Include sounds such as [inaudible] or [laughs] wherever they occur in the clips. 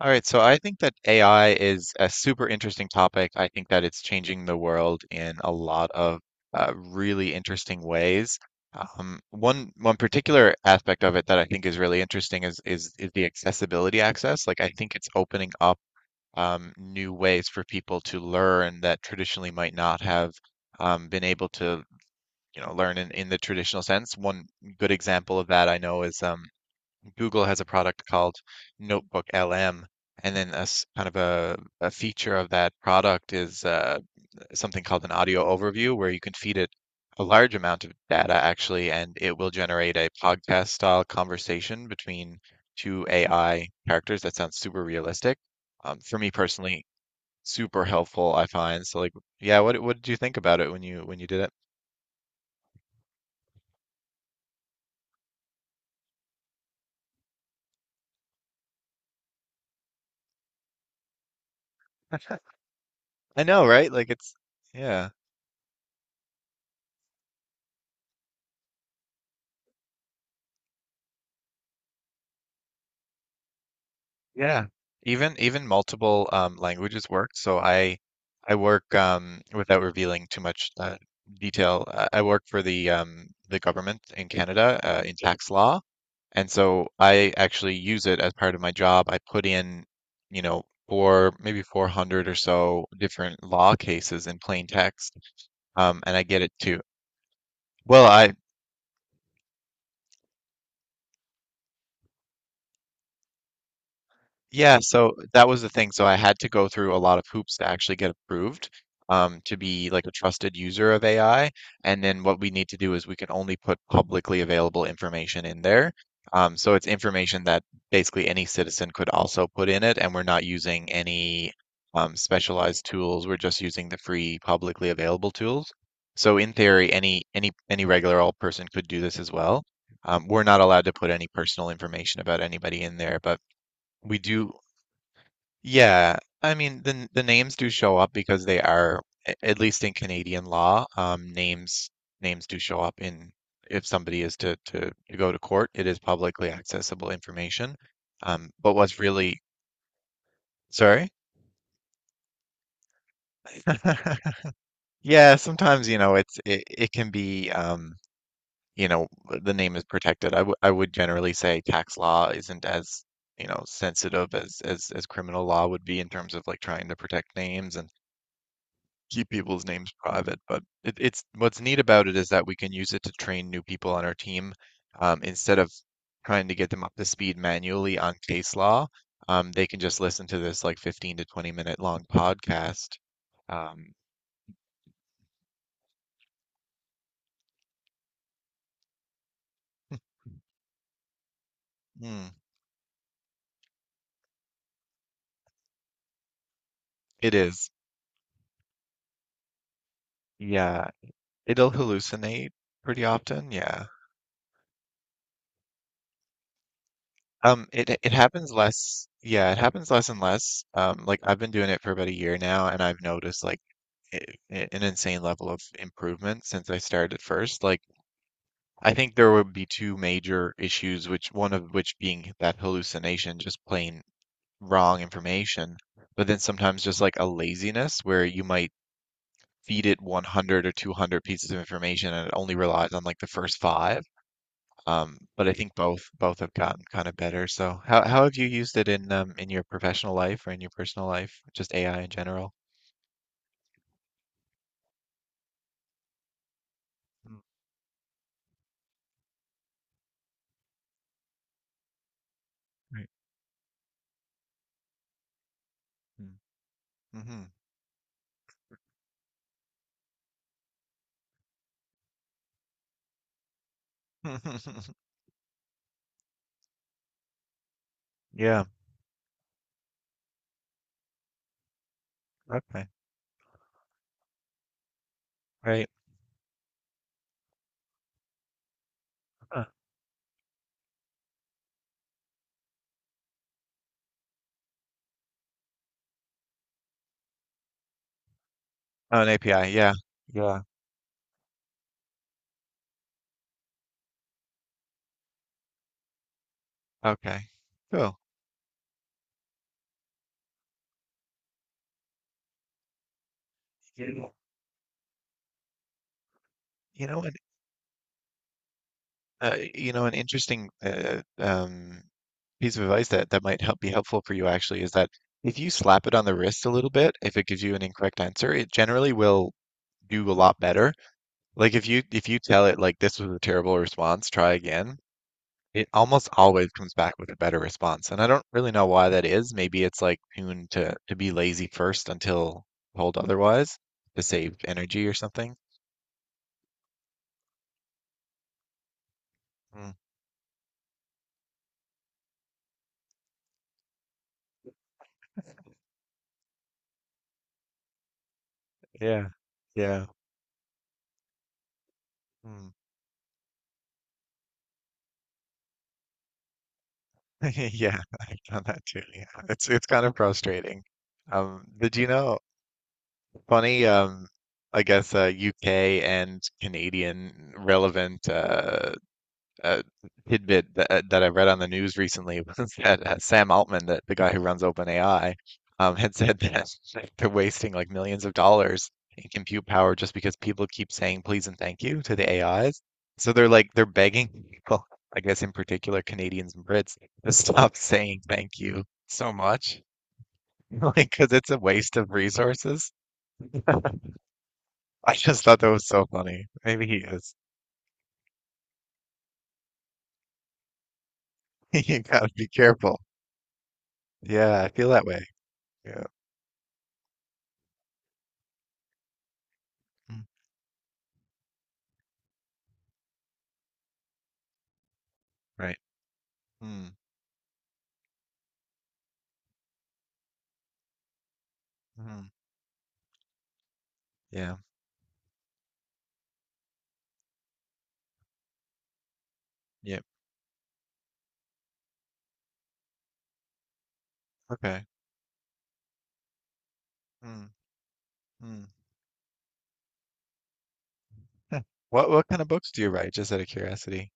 All right, so I think that AI is a super interesting topic. I think that it's changing the world in a lot of really interesting ways. One particular aspect of it that I think is really interesting is the accessibility access. Like I think it's opening up new ways for people to learn that traditionally might not have been able to, you know, learn in the traditional sense. One good example of that I know is Google has a product called Notebook LM, and then kind of a feature of that product is something called an audio overview, where you can feed it a large amount of data actually, and it will generate a podcast style conversation between two AI characters that sounds super realistic. For me personally, super helpful, I find. So like, yeah, what did you think about it when you did it? [laughs] I know, right? Like it's yeah. Yeah, even multiple languages work. So I work without revealing too much detail. I work for the government in Canada in tax law, and so I actually use it as part of my job. I put in, you know, four maybe 400 or so different law cases in plain text, and I get it to. Well, I yeah, so that was the thing. So I had to go through a lot of hoops to actually get approved to be like a trusted user of AI. And then what we need to do is we can only put publicly available information in there. So it's information that basically any citizen could also put in it, and we're not using any specialized tools. We're just using the free publicly available tools. So in theory, any regular old person could do this as well. We're not allowed to put any personal information about anybody in there, but we do yeah, I mean the names do show up because they are, at least in Canadian law, names do show up in if somebody is to, to go to court, it is publicly accessible information. But what's really sorry? [laughs] Yeah, sometimes you know it's it can be you know the name is protected. I would generally say tax law isn't as you know sensitive as as criminal law would be in terms of like trying to protect names and keep people's names private, but it's what's neat about it is that we can use it to train new people on our team instead of trying to get them up to speed manually on case law. They can just listen to this like 15 to 20 minute long podcast. Um, hmm, it is, yeah, it'll hallucinate pretty often, yeah. It happens less, yeah, it happens less and less. Like I've been doing it for about a year now, and I've noticed like i- an insane level of improvement since I started first. Like, I think there would be two major issues, which one of which being that hallucination, just plain wrong information, but then sometimes just like a laziness where you might feed it 100 or 200 pieces of information and it only relies on like the first five. But I think both have gotten kind of better. So how have you used it in your professional life or in your personal life, just AI in general? Mm, right. Mm-hmm. [laughs] Yeah. Okay, right. Huh. Oh, an API. Yeah, yeah. Okay, cool. Yeah. You know what? An interesting piece of advice that might help be helpful for you actually is that if you slap it on the wrist a little bit, if it gives you an incorrect answer, it generally will do a lot better. Like if you tell it like this was a terrible response, try again. It almost always comes back with a better response, and I don't really know why that is. Maybe it's like tuned to be lazy first until told otherwise to save energy or something. Mm, yeah, yeah, mm. [laughs] Yeah, I've done that too. Yeah, it's kind of frustrating. Did you know funny? I guess UK and Canadian relevant uh, tidbit that that I read on the news recently [laughs] was that Sam Altman, that the guy who runs OpenAI, had said [laughs] that they're wasting like millions of dollars in compute power just because people keep saying please and thank you to the AIs. So they're like they're begging people, I guess in particular Canadians and Brits, to stop [laughs] saying thank you so much, [laughs] like because it's a waste of resources. [laughs] I just thought that was so funny. Maybe he is. [laughs] You gotta be careful. Yeah, I feel that way. Yeah. Mm. Right. Mm, mhm. Yeah. Yep. Okay. Mm, mm. Huh. What kind of books do you write? Just out of curiosity.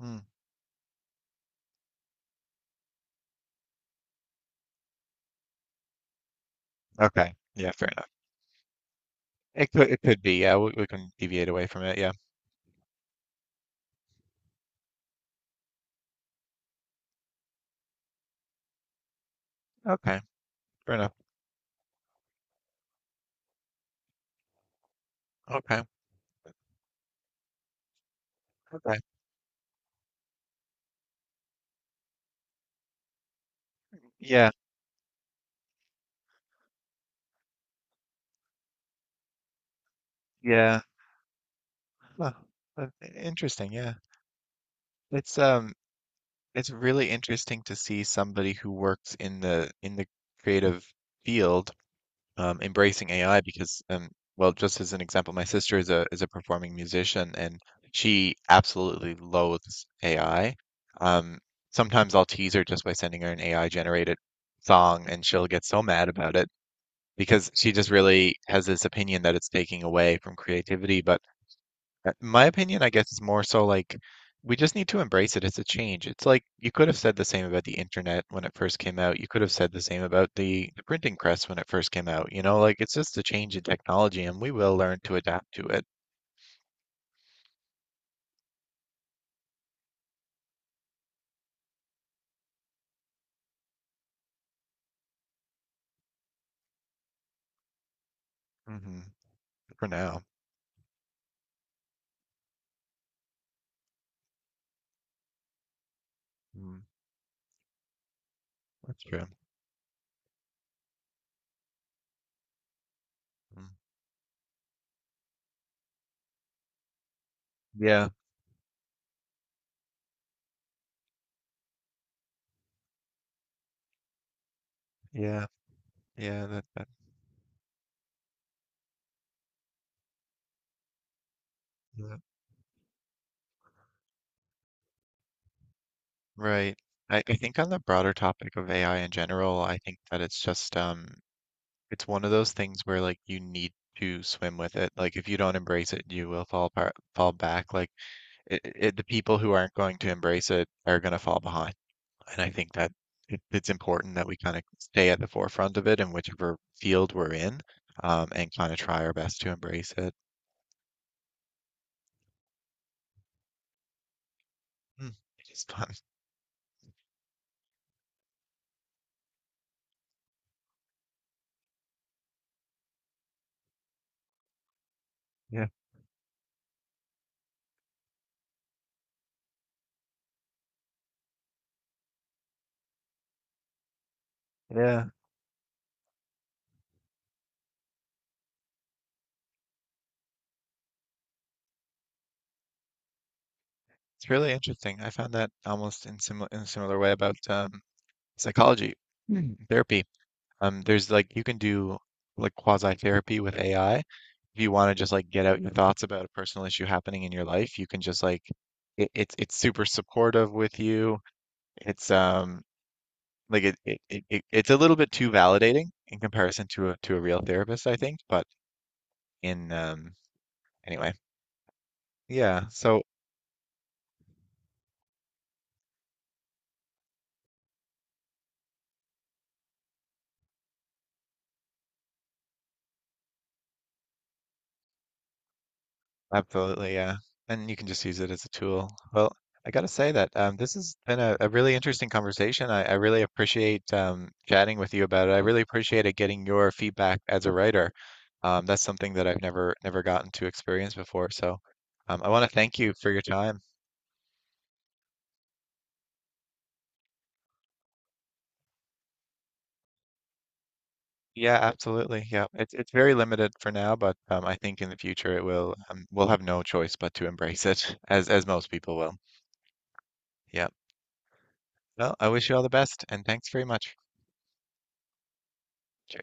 Mm, okay. Yeah, fair enough. It could be. Yeah, we can deviate away from it. Yeah. Okay. Fair enough. Okay. Okay. Yeah. Yeah. Huh. Interesting. Yeah. It's um it's really interesting to see somebody who works in the creative field embracing AI because, well, just as an example, my sister is a performing musician and she absolutely loathes AI. Um, Sometimes I'll tease her just by sending her an AI generated song, and she'll get so mad about it because she just really has this opinion that it's taking away from creativity. But my opinion, I guess, is more so like we just need to embrace it. It's a change. It's like you could have said the same about the internet when it first came out. You could have said the same about the printing press when it first came out. You know, like it's just a change in technology, and we will learn to adapt to it. Hmm. For now, mm, that's true. Mm. Yeah, yeah, yeah. That. Right. I think on the broader topic of AI in general, I think that it's just it's one of those things where like you need to swim with it. Like if you don't embrace it, you will fall apart, fall back. Like the people who aren't going to embrace it are going to fall behind. And I think that it's important that we kind of stay at the forefront of it in whichever field we're in, and kind of try our best to embrace it. Hmm, it is fun. Yeah. Yeah. It's really interesting. I found that almost in similar in a similar way about psychology, hmm, therapy. There's like you can do like quasi therapy with AI. If you want to just like get out your thoughts about a personal issue happening in your life, you can just like it's super supportive with you. It's Like it's a little bit too validating in comparison to a real therapist, I think. But in anyway, yeah. So absolutely, yeah. And you can just use it as a tool. Well, I gotta say that this has been a really interesting conversation. I really appreciate chatting with you about it. I really appreciated getting your feedback as a writer. That's something that I've never gotten to experience before. So I want to thank you for your time. Yeah, absolutely. Yeah, it's very limited for now, but I think in the future it will we'll have no choice but to embrace it, [laughs] as most people will. Yeah. Well, I wish you all the best, and thanks very much. Cheers.